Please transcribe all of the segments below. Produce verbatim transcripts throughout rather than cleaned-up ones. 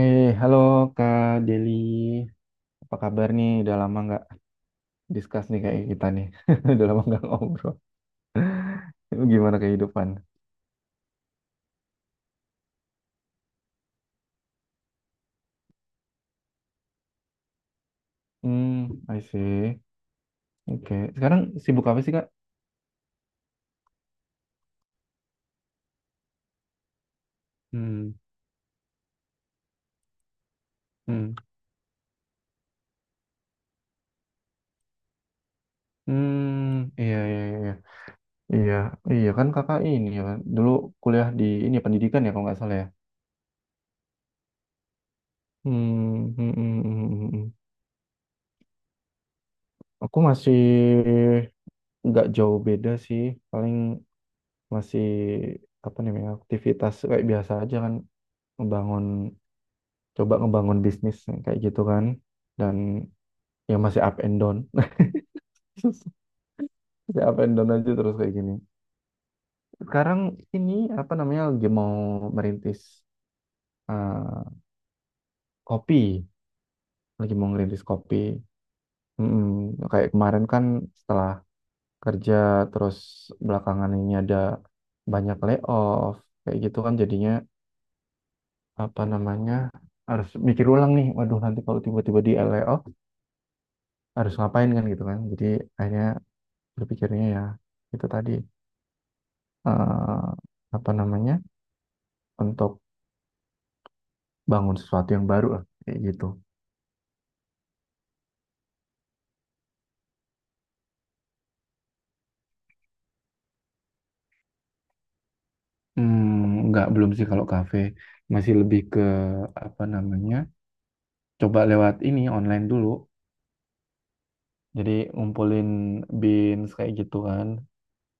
Eh, halo Kak Deli, apa kabar nih? Udah lama nggak discuss nih kayak kita nih. Udah lama nggak ngobrol. Itu gimana kehidupan? Hmm, I see. Oke. Sekarang sibuk apa sih Kak? Hmm, hmm, hmm. Iya, iya, iya. Iya, iya, iya, kan Kakak ini ya kan. Dulu kuliah di ini ya, pendidikan ya kalau nggak salah ya. Hmm, hmm, hmm, hmm, hmm, hmm. Aku masih nggak jauh beda sih. Paling masih apa namanya aktivitas kayak biasa aja kan, ngebangun coba ngebangun bisnis yang kayak gitu kan, dan yang masih up and down. Masih up and down aja terus kayak gini. Sekarang ini apa namanya lagi mau merintis, eh, kopi, lagi mau ngerintis kopi. Mm-mm. Kayak kemarin kan setelah kerja terus belakangan ini ada banyak layoff kayak gitu kan, jadinya apa namanya harus mikir ulang nih, waduh nanti kalau tiba-tiba di layoff harus ngapain kan gitu kan, jadi akhirnya berpikirnya ya itu tadi, eh, apa namanya untuk bangun sesuatu yang baru lah kayak gitu. Hmm, nggak, belum sih kalau kafe, masih lebih ke apa namanya, coba lewat ini online dulu, jadi ngumpulin beans kayak gitu kan,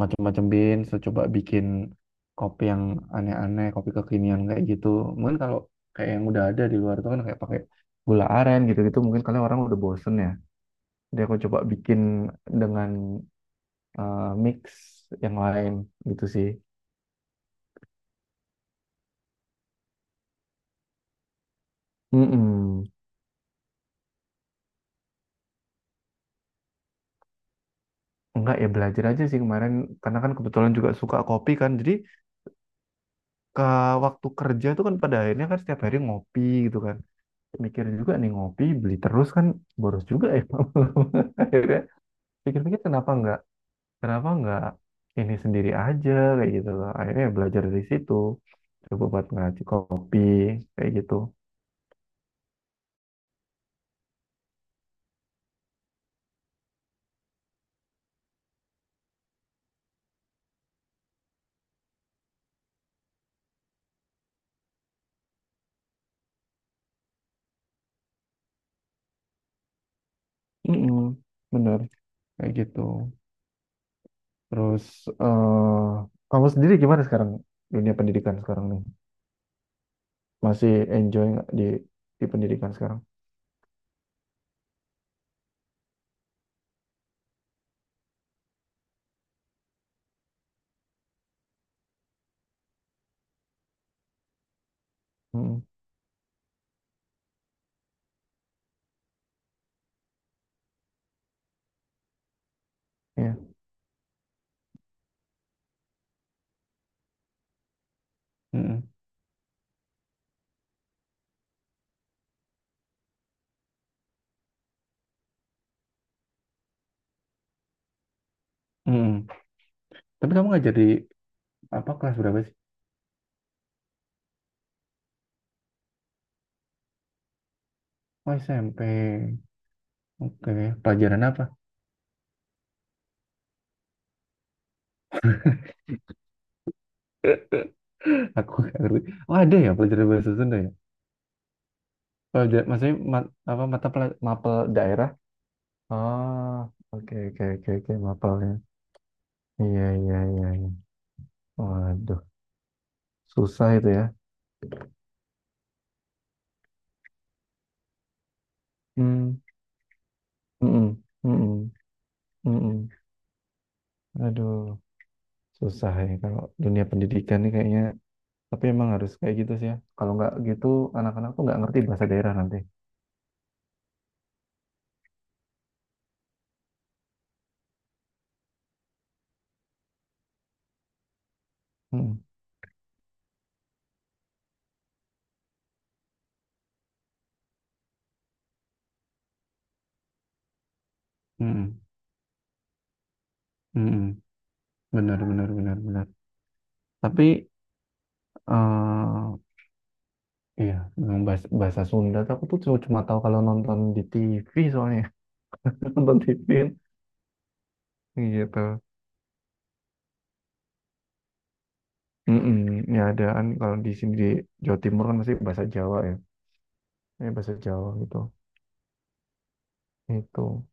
macam-macam beans saya coba bikin kopi yang aneh-aneh, kopi kekinian kayak gitu. Mungkin kalau kayak yang udah ada di luar itu kan kayak pakai gula aren gitu-gitu, mungkin kalian orang udah bosen ya. Jadi aku coba bikin dengan, eh, mix yang lain gitu sih. Mm-mm. Enggak, ya belajar aja sih kemarin, karena kan kebetulan juga suka kopi kan. Jadi ke waktu kerja tuh kan pada akhirnya kan setiap hari ngopi gitu kan. Mikir juga nih, ngopi beli terus kan boros juga ya. Akhirnya pikir-pikir, kenapa enggak kenapa enggak ini sendiri aja kayak gitu loh. Akhirnya ya belajar dari situ. Coba buat ngaji kopi kayak gitu. Mm-mm. Bener kayak gitu. Terus eh kamu sendiri gimana sekarang, dunia pendidikan sekarang nih? Masih enjoy nggak di di pendidikan sekarang? Mm, iya. Mm-mm. Tapi kamu ngajar di apa, kelas berapa sih? Oh, S M P. Oke, pelajaran apa? Aku nggak ngerti. Oh ada ya pelajaran bahasa Sunda ya? Pelajaran, maksudnya mat- apa mata pelaj- mapel daerah. Ah, oke, oke, oke, oke mapelnya. Iya, iya, iya. Iya. Waduh, susah itu ya. Hmm, mm. Aduh, susah ya kalau dunia pendidikan nih kayaknya. Tapi emang harus kayak gitu sih ya. Kalau nggak gitu, anak-anak tuh nggak ngerti bahasa daerah nanti. Hmm. Mm-mm. Mm-mm. Benar, benar, benar, benar. Tapi eh iya, memang bahasa, bahasa Sunda tuh aku tuh cuma cuma tahu kalau nonton di T V soalnya. Nonton T V kan? Gitu. Mm-mm. Ya ada kan, kalau di sini di Jawa Timur kan masih bahasa Jawa ya. Ya bahasa Jawa gitu. Itu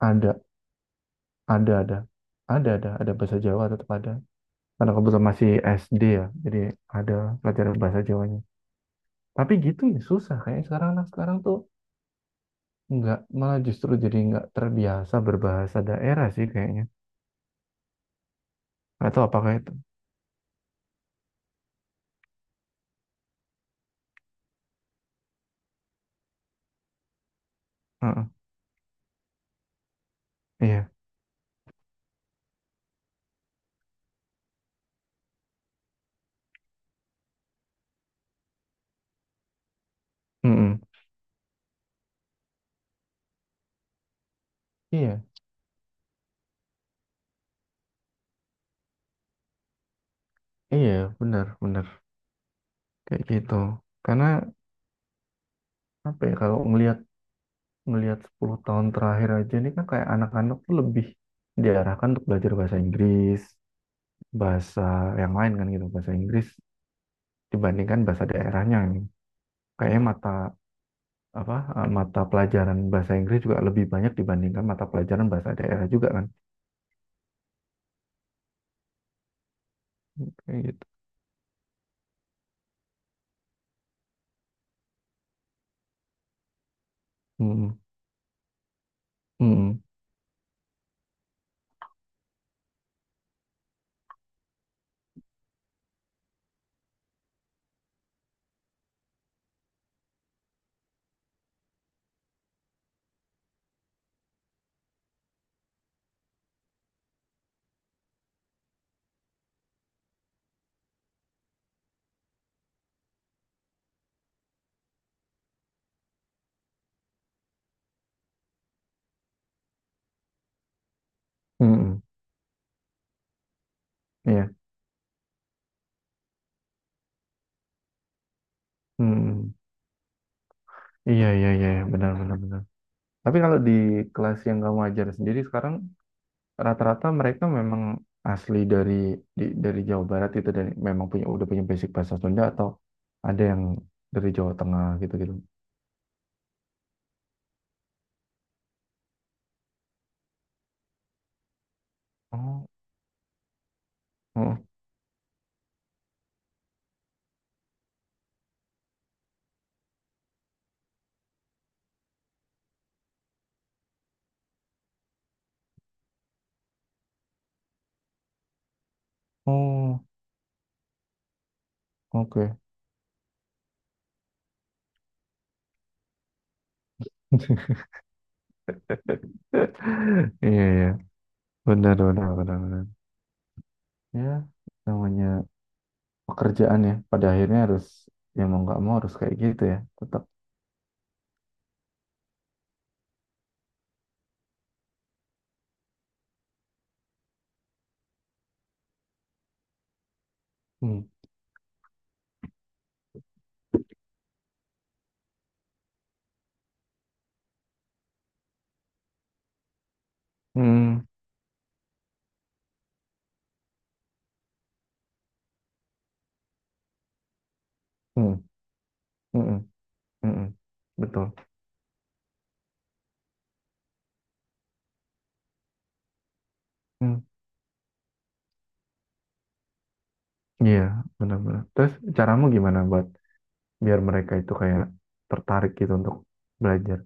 ada, ada, ada, ada, ada, ada bahasa Jawa, tetap ada. Karena kebetulan masih S D ya, jadi ada pelajaran bahasa Jawanya. Tapi gitu ya, susah kayak sekarang, anak sekarang tuh nggak, malah justru jadi nggak terbiasa berbahasa daerah sih kayaknya, atau apakah itu. Heeh. Iya. Mm-mm. Iya, iya, benar, benar kayak gitu, karena apa ya, kalau ngelihat ngelihat sepuluh tahun terakhir aja ini kan, kayak anak-anak tuh lebih diarahkan untuk belajar bahasa Inggris, bahasa yang lain kan gitu, bahasa Inggris dibandingkan bahasa daerahnya. Kayaknya mata apa eh, mata pelajaran bahasa Inggris juga lebih banyak dibandingkan mata pelajaran bahasa daerah juga kan, kayak gitu. Mm, mm, mm, mm, iya, mm. Iya, iya, iya, benar, benar, benar. Tapi kalau di kelas yang kamu ajar sendiri sekarang, rata-rata mereka memang asli dari, di- dari Jawa Barat itu, dan memang punya udah punya basic bahasa Sunda, atau ada yang dari Jawa Tengah gitu gitu. Oh, oh, oh, oke. Iya, iya, benar, benar, benar, benar. Ya namanya pekerjaan ya, pada akhirnya harus, ya mau nggak mau harus kayak gitu ya, tetap. Hmm, hmm, hmm, hmm, hmm, hmm. Betul. Hmm. Iya, benar-benar. Terus caramu gimana buat biar mereka itu kayak tertarik gitu untuk belajar?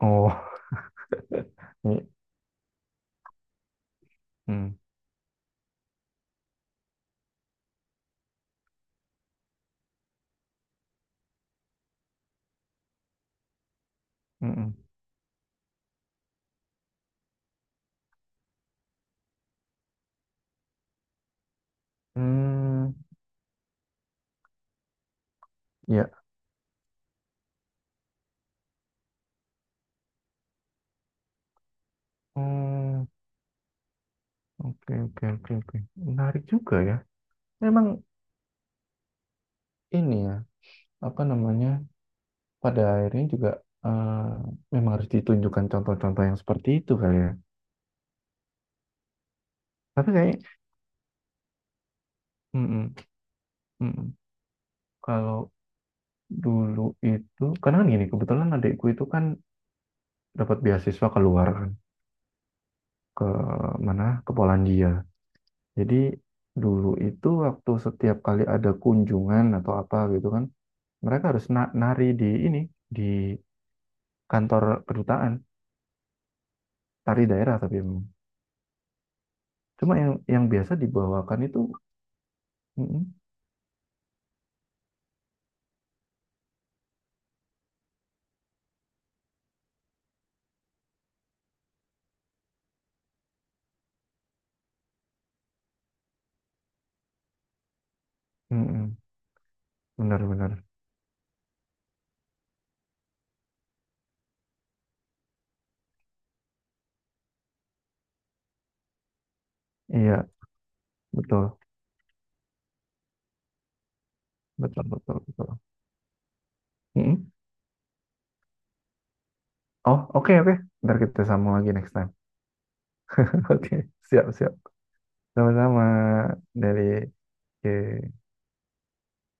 Oh. Ini. Hmm, hmm, hmm. Hmm, ya. Hmm. Oke, oke, oke, oke, menarik juga ya. Memang ini ya apa namanya pada akhirnya juga, eh, memang harus ditunjukkan contoh-contoh yang seperti itu kali ya. Tapi kayak mm-mm, mm-mm. Kalau dulu itu karena kan gini, kebetulan adikku itu kan dapat beasiswa keluar kan, ke mana, ke Polandia. Jadi dulu itu waktu setiap kali ada kunjungan atau apa gitu kan, mereka harus na- nari di ini, di kantor kedutaan, tari daerah tapi memang. Cuma yang yang biasa dibawakan itu mm-mm, mm-mm, benar-benar. Iya, betul, betul, betul, betul. Mm-mm. Oh, oke, oke. Ntar kita sambung lagi next time. Oke, siap, siap. Sama-sama dari... Oke.